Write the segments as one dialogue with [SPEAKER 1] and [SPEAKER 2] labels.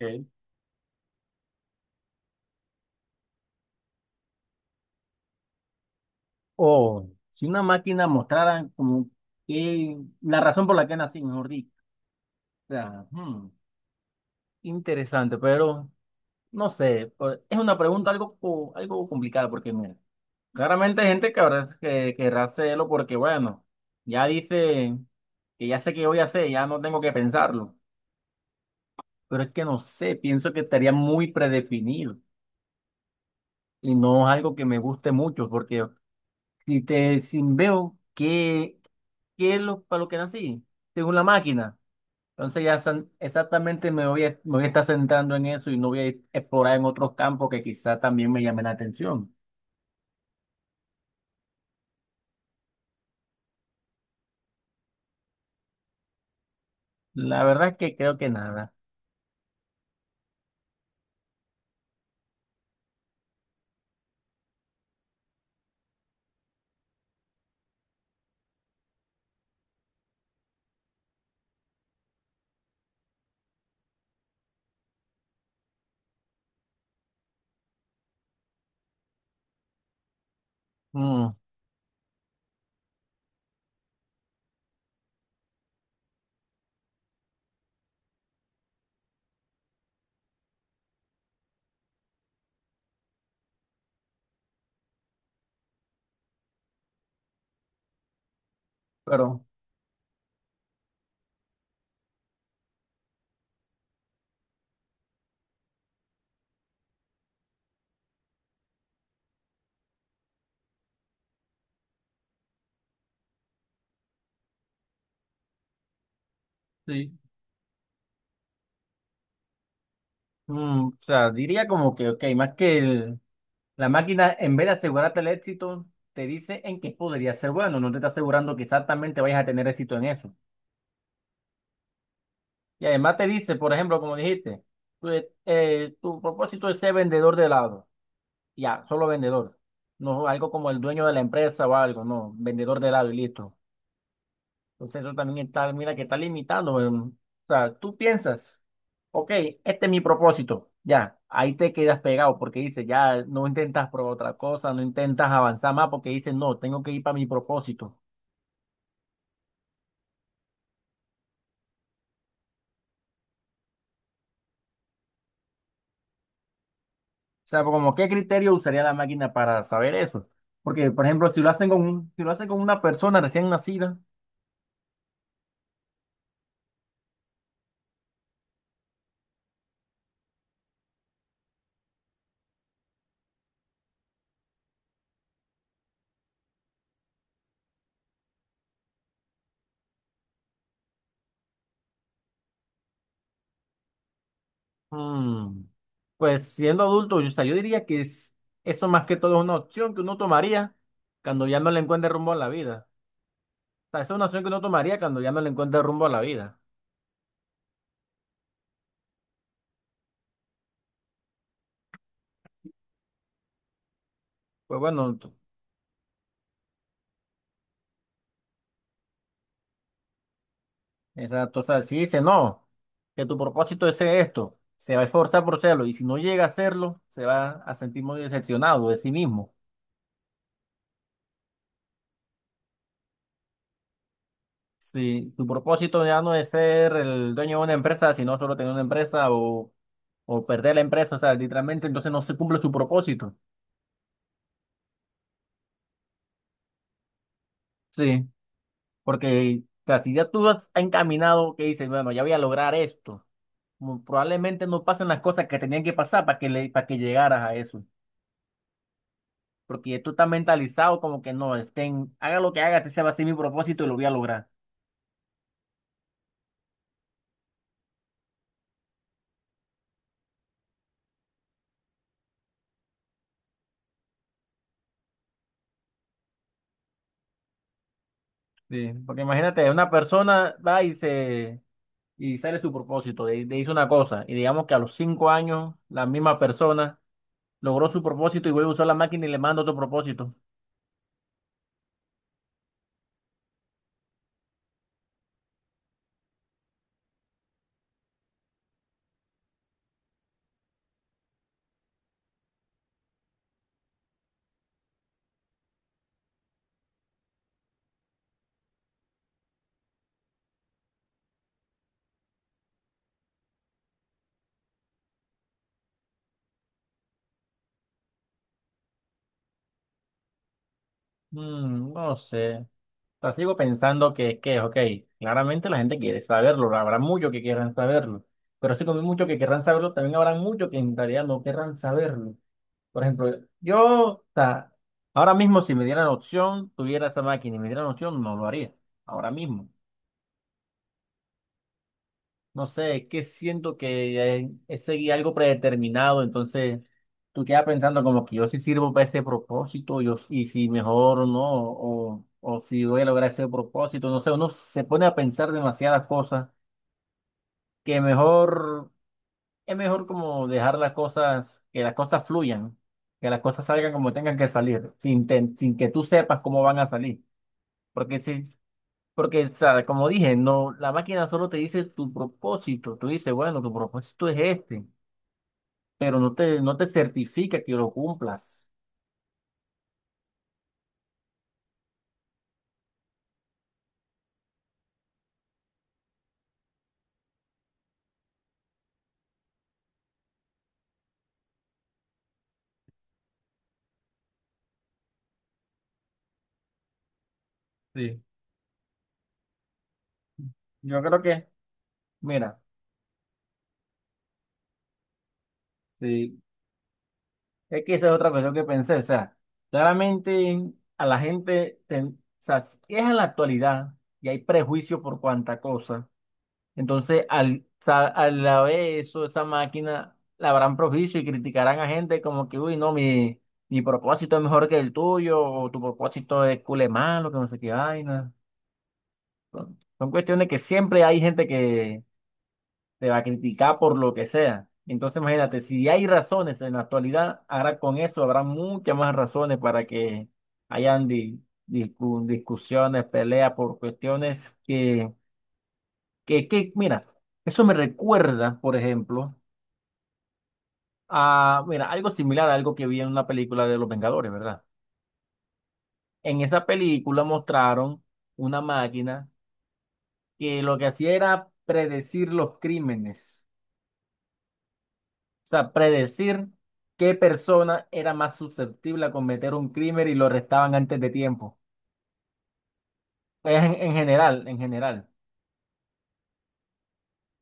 [SPEAKER 1] Ok. O si una máquina mostrara como que la razón por la que nací, mejor dicho. O sea, interesante, pero no sé, pues, es una pregunta algo, algo complicada porque mira, claramente hay gente que habrá que querrá hacerlo porque bueno, ya dice que ya sé qué voy a hacer, ya no tengo que pensarlo, pero es que no sé, pienso que estaría muy predefinido y no es algo que me guste mucho porque si veo que es lo, para lo que nací, según la máquina. Entonces ya exactamente me voy a estar centrando en eso y no explorar en otros campos que quizá también me llamen la atención. La verdad es que creo que nada. Mm, pero sí. Mm, o sea, diría como que, ok, más que la máquina, en vez de asegurarte el éxito, te dice en qué podría ser bueno, no te está asegurando que exactamente vayas a tener éxito en eso. Y además te dice, por ejemplo, como dijiste, tu, tu propósito es ser vendedor de helado. Ya, solo vendedor. No algo como el dueño de la empresa o algo, no, vendedor de helado y listo. Entonces eso también está, mira que está limitado. O sea, tú piensas, ok, este es mi propósito, ya, ahí te quedas pegado porque dices, ya no intentas probar otra cosa, no intentas avanzar más porque dices, no, tengo que ir para mi propósito. O sea, como qué criterio usaría la máquina para saber eso. Porque, por ejemplo, si lo hacen con, un- si lo hacen con una persona recién nacida. Mm, pues siendo adulto, yo, o sea, yo diría que eso más que todo es una opción que uno tomaría cuando ya no le encuentre rumbo a la vida. O sea, esa es una opción que uno tomaría cuando ya no le encuentre rumbo a la vida. Pues bueno, exacto. O sea, si dice no, que tu propósito es ser esto, se va a esforzar por serlo y si no llega a hacerlo, se va a sentir muy decepcionado de sí mismo. Si tu propósito ya no es ser el dueño de una empresa, sino solo tener una empresa o perder la empresa, o sea, literalmente entonces no se cumple su propósito. Sí. Porque, o sea, si ya tú has encaminado, que dices, bueno, ya voy a lograr esto, probablemente no pasen las cosas que tenían que pasar para que, le, para que llegaras a eso. Porque ya tú estás mentalizado como que no, estén, haga lo que haga, este se va a ser mi propósito y lo voy a lograr. Sí, porque imagínate, una persona va y se y sale su propósito, de hizo una cosa, y digamos que a los 5 años la misma persona logró su propósito y vuelve a usar la máquina y le manda otro propósito. Mm, no sé. O sea, sigo pensando que, ok, claramente la gente quiere saberlo, habrá muchos que quieran saberlo, pero así como hay muchos que querrán saberlo, también habrá muchos que en realidad no querrán saberlo. Por ejemplo, yo, o sea, ahora mismo si me dieran opción, tuviera esa máquina y me dieran opción, no lo haría, ahora mismo. No sé, es que siento que es seguir algo predeterminado, entonces tú quedas pensando como que yo sí sirvo para ese propósito, yo, y si mejor o no, o si voy a lograr ese propósito, no sé, uno se pone a pensar demasiadas cosas, que mejor, es mejor como dejar las cosas, que las cosas fluyan, que las cosas salgan como tengan que salir, sin, sin que tú sepas cómo van a salir, porque si, porque, o sea, como dije, no, la máquina solo te dice tu propósito. Tú dices, bueno, tu propósito es este, pero no te, no te certifica que lo cumplas. Sí, yo creo que, mira, sí, es que esa es otra cuestión que pensé. O sea, claramente a la gente, o sea, si es en la actualidad y hay prejuicio por cuanta cosa. Entonces, al la vez eso, esa máquina la habrán propicio y criticarán a gente como que, uy, no, mi propósito es mejor que el tuyo, o tu propósito es cule malo, que no sé qué vaina. Son, son cuestiones que siempre hay gente que te va a criticar por lo que sea. Entonces, imagínate, si hay razones en la actualidad, ahora con eso habrá muchas más razones para que hayan discusiones, peleas por cuestiones que, mira, eso me recuerda, por ejemplo, a, mira, algo similar a algo que vi en una película de Los Vengadores, ¿verdad? En esa película mostraron una máquina que lo que hacía era predecir los crímenes, o sea, predecir qué persona era más susceptible a cometer un crimen y lo arrestaban antes de tiempo. En general, en general,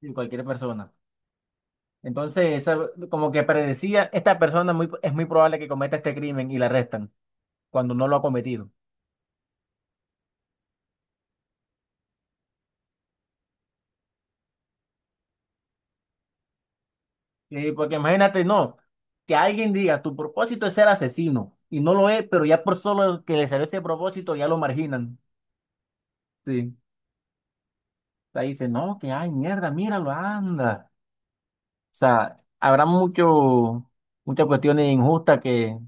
[SPEAKER 1] sí, cualquier persona. Entonces, como que predecía, esta persona es muy probable que cometa este crimen y la arrestan cuando no lo ha cometido. Sí, porque imagínate, no, que alguien diga, tu propósito es ser asesino, y no lo es, pero ya por solo que le salió ese propósito, ya lo marginan. Sí. O sea, dice, no, que ay, mierda, míralo, anda. O sea, habrá mucho, muchas cuestiones injustas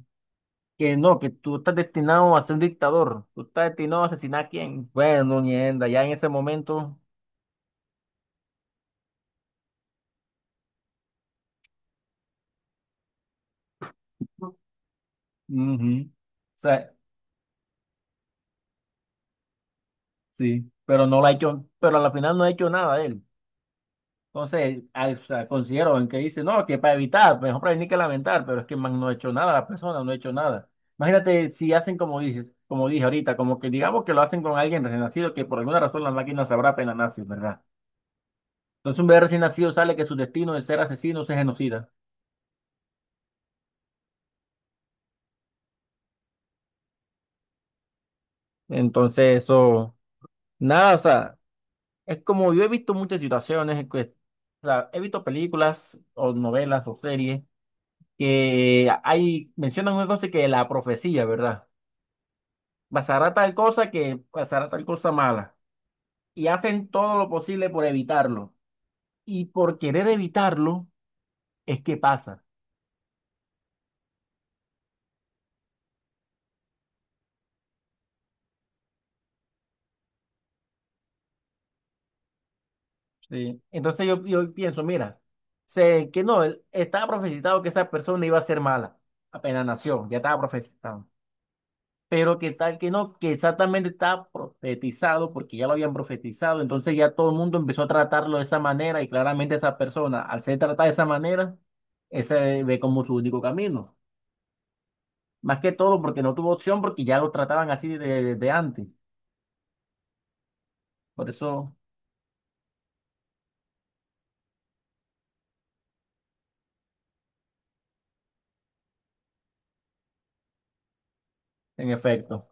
[SPEAKER 1] que no, que tú estás destinado a ser un dictador, tú estás destinado a asesinar a quién. Bueno, mierda, ya en ese momento, ujú. O sea, sí, pero no lo ha hecho, pero al final no ha hecho nada él. Entonces, o sea, considero en que dice, no, que para evitar, pues, mejor prevenir que lamentar, pero es que man, no ha hecho nada la persona, no ha hecho nada. Imagínate si hacen como dices, como dije ahorita, como que digamos que lo hacen con alguien recién nacido, que por alguna razón la máquina sabrá pena nazi, ¿verdad? Entonces un bebé recién nacido sale que su destino de ser asesino es genocida. Entonces eso, nada, o sea, es como yo he visto muchas situaciones, o sea, he visto películas o novelas o series que hay, mencionan una cosa que la profecía, ¿verdad? Pasará tal cosa que pasará tal cosa mala. Y hacen todo lo posible por evitarlo. Y por querer evitarlo es que pasa. ¿Sí? Entonces yo pienso, mira, sé que no, estaba profetizado que esa persona iba a ser mala. Apenas nació, ya estaba profetizado. Pero que tal que no, que exactamente estaba profetizado porque ya lo habían profetizado. Entonces ya todo el mundo empezó a tratarlo de esa manera y claramente esa persona, al ser tratada de esa manera, ese ve como su único camino. Más que todo porque no tuvo opción, porque ya lo trataban así desde antes. Por eso, en efecto.